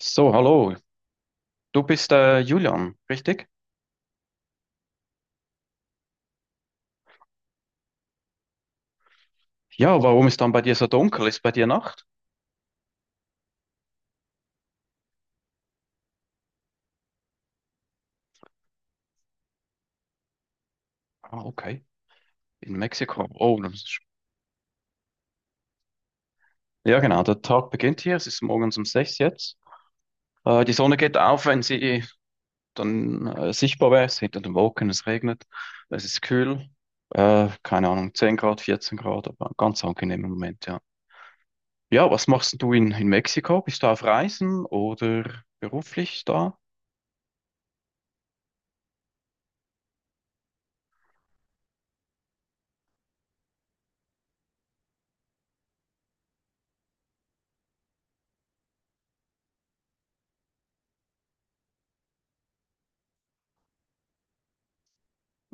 So, hallo. Du bist Julian, richtig? Ja, warum ist dann bei dir so dunkel? Ist bei dir Nacht? Ah, okay. In Mexiko. Oh, das ist... Ja, genau. Der Tag beginnt hier. Es ist morgens um sechs jetzt. Die Sonne geht auf, wenn sie dann sichtbar wäre. Es ist hinter den Wolken, es regnet. Es ist kühl. Keine Ahnung, 10 Grad, 14 Grad, aber ein ganz angenehmer Moment, ja. Ja, was machst denn du in Mexiko? Bist du auf Reisen oder beruflich da?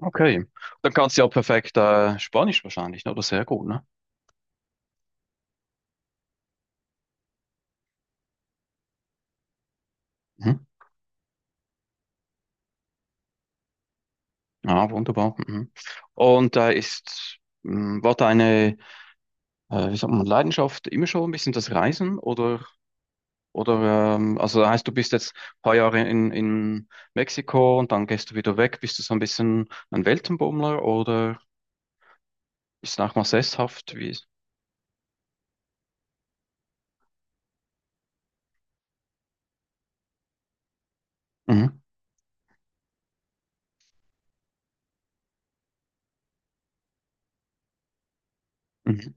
Okay. Dann kannst du ja perfekt Spanisch wahrscheinlich, ne? Oder sehr gut, ne? Mhm. Ah, wunderbar. Mhm. Und da war deine, wie sagt man, Leidenschaft immer schon ein bisschen das Reisen oder also das heißt, du bist jetzt ein paar Jahre in Mexiko und dann gehst du wieder weg. Bist du so ein bisschen ein Weltenbummler oder ist es auch mal sesshaft? Wie ist? Mhm. Mhm.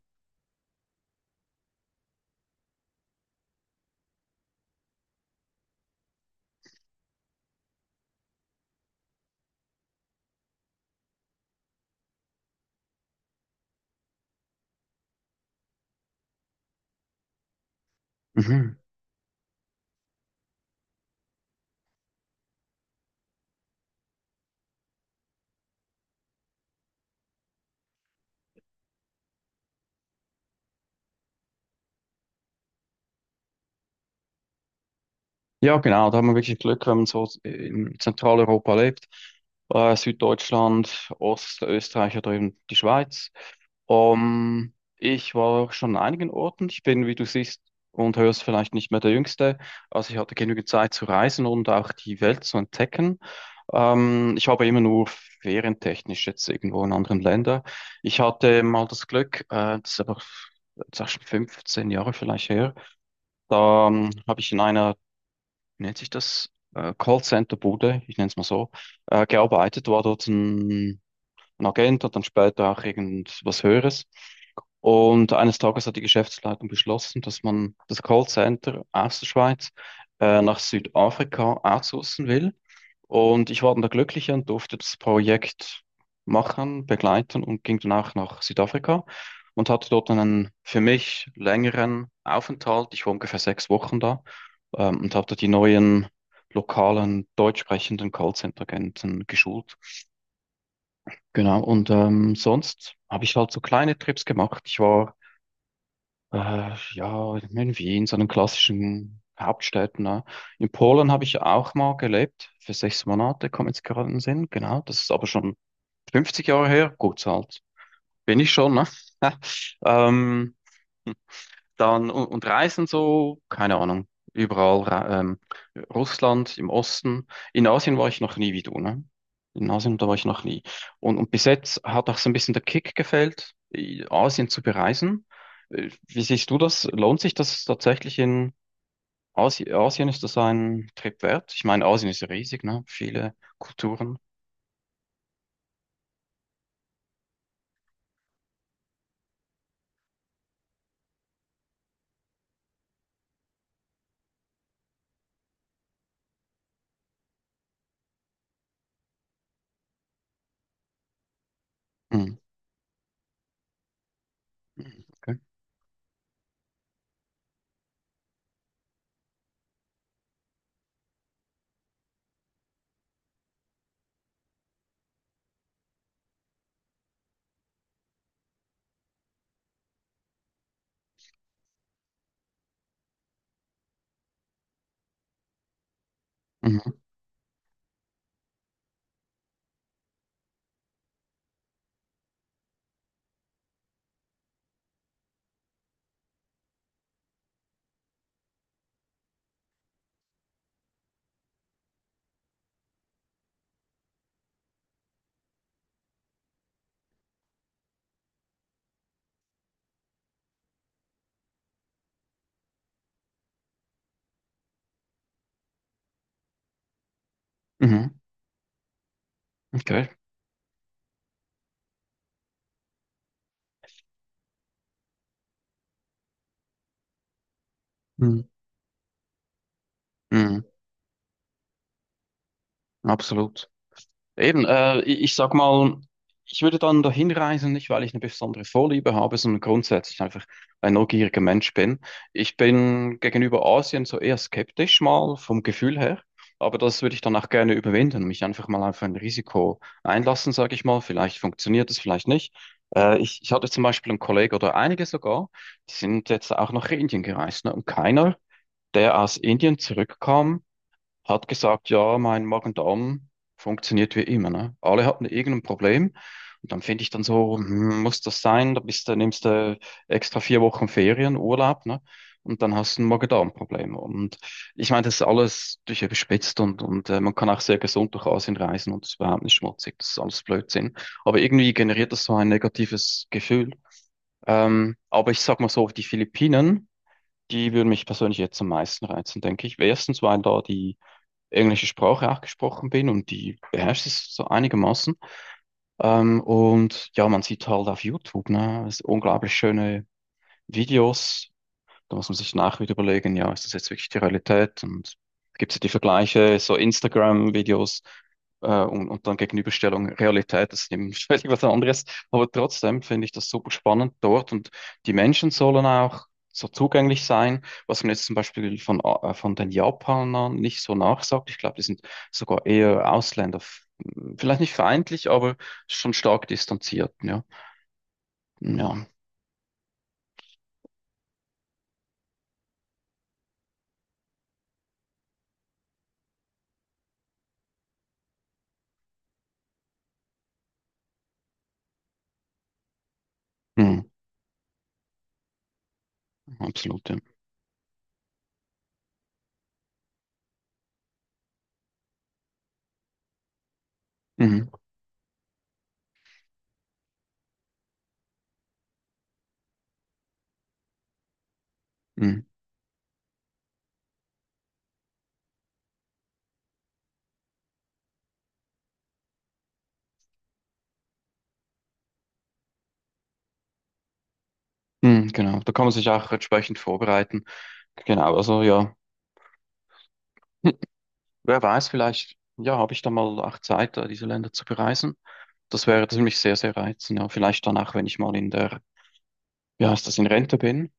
Mhm. Ja, genau, da haben wir wirklich Glück, wenn man so in Zentraleuropa lebt, Süddeutschland, Ostösterreich oder eben die Schweiz. Ich war schon an einigen Orten. Ich bin, wie du siehst und hörst, vielleicht nicht mehr der Jüngste. Also ich hatte genügend Zeit zu reisen und auch die Welt zu entdecken. Ich habe immer nur ferientechnisch jetzt irgendwo in anderen Ländern. Ich hatte mal das Glück, das ist auch schon 15 Jahre vielleicht her, da habe ich in einer, wie nennt sich das, Callcenter-Bude, ich nenne es mal so, gearbeitet, war dort ein Agent und dann später auch irgendwas Höheres. Und eines Tages hat die Geschäftsleitung beschlossen, dass man das Callcenter aus der Schweiz nach Südafrika outsourcen will. Und ich war dann der Glückliche und durfte das Projekt machen, begleiten und ging danach nach Südafrika und hatte dort einen für mich längeren Aufenthalt. Ich war ungefähr 6 Wochen da, und habe da die neuen lokalen deutsch sprechenden Callcenter-Agenten geschult. Genau, und sonst habe ich halt so kleine Trips gemacht. Ich war ja in Wien, so einen klassischen Hauptstädten. Ne? In Polen habe ich auch mal gelebt, für 6 Monate, kommt jetzt gerade in den Sinn. Genau, das ist aber schon 50 Jahre her. Gut, halt bin ich schon. Ne? ähm, dann und Reisen so, keine Ahnung, überall, Russland, im Osten. In Asien war ich noch nie wie du, ne? In Asien, da war ich noch nie. Und bis jetzt hat auch so ein bisschen der Kick gefehlt, Asien zu bereisen. Wie siehst du das? Lohnt sich das tatsächlich in Asien? Ist das ein Trip wert? Ich meine, Asien ist ja riesig, ne? Viele Kulturen. Hm. Okay. Mhm. Mhm. Okay. Mhm. Mhm. Absolut. Eben, ich sag mal, ich würde dann dahin reisen, nicht weil ich eine besondere Vorliebe habe, sondern grundsätzlich einfach ein neugieriger Mensch bin. Ich bin gegenüber Asien so eher skeptisch mal vom Gefühl her, aber das würde ich dann auch gerne überwinden, mich einfach mal auf ein Risiko einlassen, sage ich mal. Vielleicht funktioniert es, vielleicht nicht. Ich hatte zum Beispiel einen Kollegen oder einige sogar, die sind jetzt auch nach Indien gereist, ne? Und keiner, der aus Indien zurückkam, hat gesagt, ja, mein Magen-Darm funktioniert wie immer, ne? Alle hatten irgendein Problem. Und dann finde ich dann so, hm, muss das sein? Da bist du, nimmst du extra 4 Wochen Ferien, Urlaub, ne? Und dann hast du ein Magen-Darm-Problem. Und ich meine, das ist alles durch überspitzt und man kann auch sehr gesund durch Asien reisen und es ist überhaupt nicht schmutzig. Das ist alles Blödsinn. Aber irgendwie generiert das so ein negatives Gefühl. Aber ich sag mal so, die Philippinen, die würden mich persönlich jetzt am meisten reizen, denke ich. Erstens, weil da die englische Sprache auch gesprochen bin und die beherrscht es so einigermaßen. Und ja, man sieht halt auf YouTube, ne, unglaublich schöne Videos, da muss man sich nachher wieder überlegen, ja, ist das jetzt wirklich die Realität? Und gibt es die Vergleiche, so Instagram-Videos und dann Gegenüberstellung Realität, das ist eben völlig was anderes. Aber trotzdem finde ich das super spannend dort und die Menschen sollen auch so zugänglich sein, was man jetzt zum Beispiel von den Japanern nicht so nachsagt. Ich glaube, die sind sogar eher Ausländer, vielleicht nicht feindlich, aber schon stark distanziert, ja. Ja, hm, absolut, ja. Mhm. Mhm. Hm, genau, da kann man sich auch entsprechend vorbereiten. Genau, also ja, hm, wer weiß, vielleicht, ja, habe ich da mal auch Zeit, diese Länder zu bereisen. Das wäre ziemlich sehr, sehr reizend. Ja. Vielleicht danach, wenn ich mal in der, wie heißt das, in Rente bin.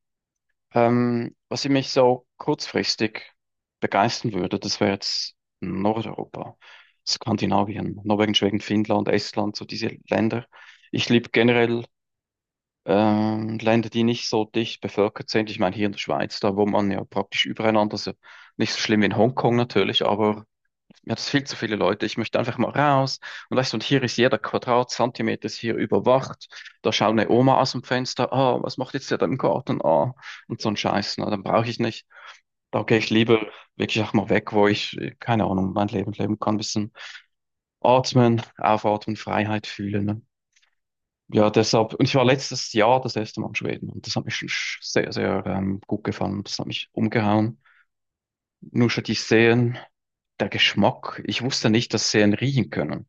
Was ich mich so kurzfristig begeistern würde, das wäre jetzt Nordeuropa, Skandinavien, Norwegen, Schweden, Finnland, Estland, so diese Länder. Ich liebe generell Länder, die nicht so dicht bevölkert sind. Ich meine, hier in der Schweiz, da wohnt man ja praktisch übereinander. Also nicht so schlimm wie in Hongkong natürlich, aber mir hat es viel zu viele Leute. Ich möchte einfach mal raus. Und weißt du, und hier ist jeder Quadratzentimeter ist hier überwacht. Da schaut eine Oma aus dem Fenster. Ah, was macht jetzt der da im Garten? Ah, und so ein Scheiß. Na, dann brauche ich nicht. Da gehe ich lieber wirklich auch mal weg, wo ich, keine Ahnung, mein Leben leben kann. Ein bisschen atmen, aufatmen, Freiheit fühlen. Ne? Ja, deshalb, und ich war letztes Jahr das erste Mal in Schweden und das hat mich schon sehr, sehr gut gefallen. Das hat mich umgehauen. Nur schon die Seen, der Geschmack. Ich wusste nicht, dass Seen riechen können.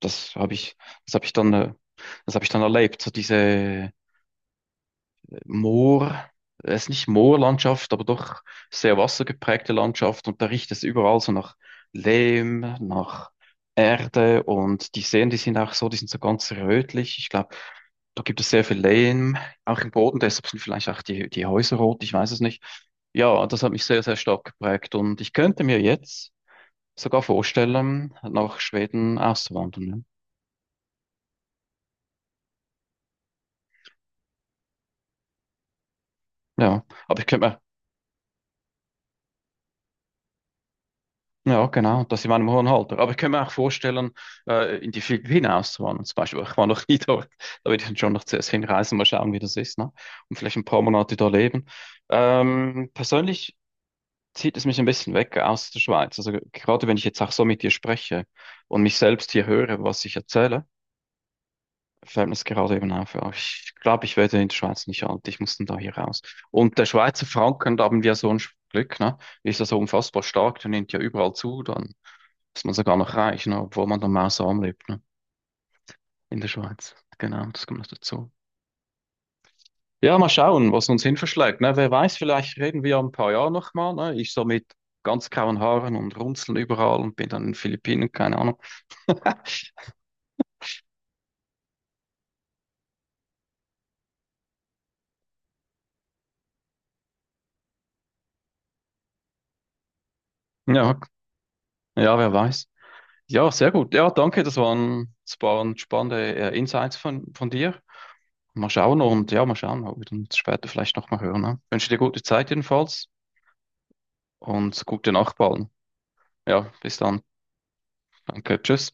Das habe ich, das habe ich dann, äh, das habe ich dann erlebt. So diese Moor, es ist nicht Moorlandschaft, aber doch sehr wassergeprägte Landschaft und da riecht es überall so nach Lehm, nach Erde und die Seen, die sind auch so, die sind so ganz rötlich. Ich glaube, da gibt es sehr viel Lehm, auch im Boden, deshalb sind vielleicht auch die Häuser rot, ich weiß es nicht. Ja, das hat mich sehr, sehr stark geprägt und ich könnte mir jetzt sogar vorstellen, nach Schweden auszuwandern. Ja, ja. aber ich könnte mir Ja, genau, das in meinem hohen Alter. Aber ich könnte mir auch vorstellen, in die Philippinen auszuwandern zum Beispiel. Ich war noch nie dort. Da würde ich dann schon noch zuerst hinreisen, mal schauen, wie das ist, ne? Und vielleicht ein paar Monate da leben. Persönlich zieht es mich ein bisschen weg aus der Schweiz. Also gerade wenn ich jetzt auch so mit dir spreche und mich selbst hier höre, was ich erzähle, fällt mir das gerade eben auf. Ja, ich glaube, ich werde in der Schweiz nicht alt. Ich muss dann da hier raus. Und der Schweizer Franken, da haben wir so ein Glück, ne? Ist ja so unfassbar stark, der nimmt ja überall zu. Dann dass man sogar noch reich, ne? Obwohl man normal arm lebt, ne? In der Schweiz. Genau, das kommt noch dazu. Ja, mal schauen, was uns hin verschlägt, ne? Wer weiß, vielleicht reden wir ja ein paar Jahre nochmal, ne? Ich so mit ganz grauen Haaren und Runzeln überall und bin dann in den Philippinen, keine Ahnung. Ja, ja, wer weiß. Ja, sehr gut. Ja, danke, das waren spannende Insights von dir. Mal schauen und ja, mal schauen, ob wir uns später vielleicht nochmal hören. Ne? Wünsche dir gute Zeit jedenfalls und gute Nacht bald. Ja, bis dann. Danke, tschüss.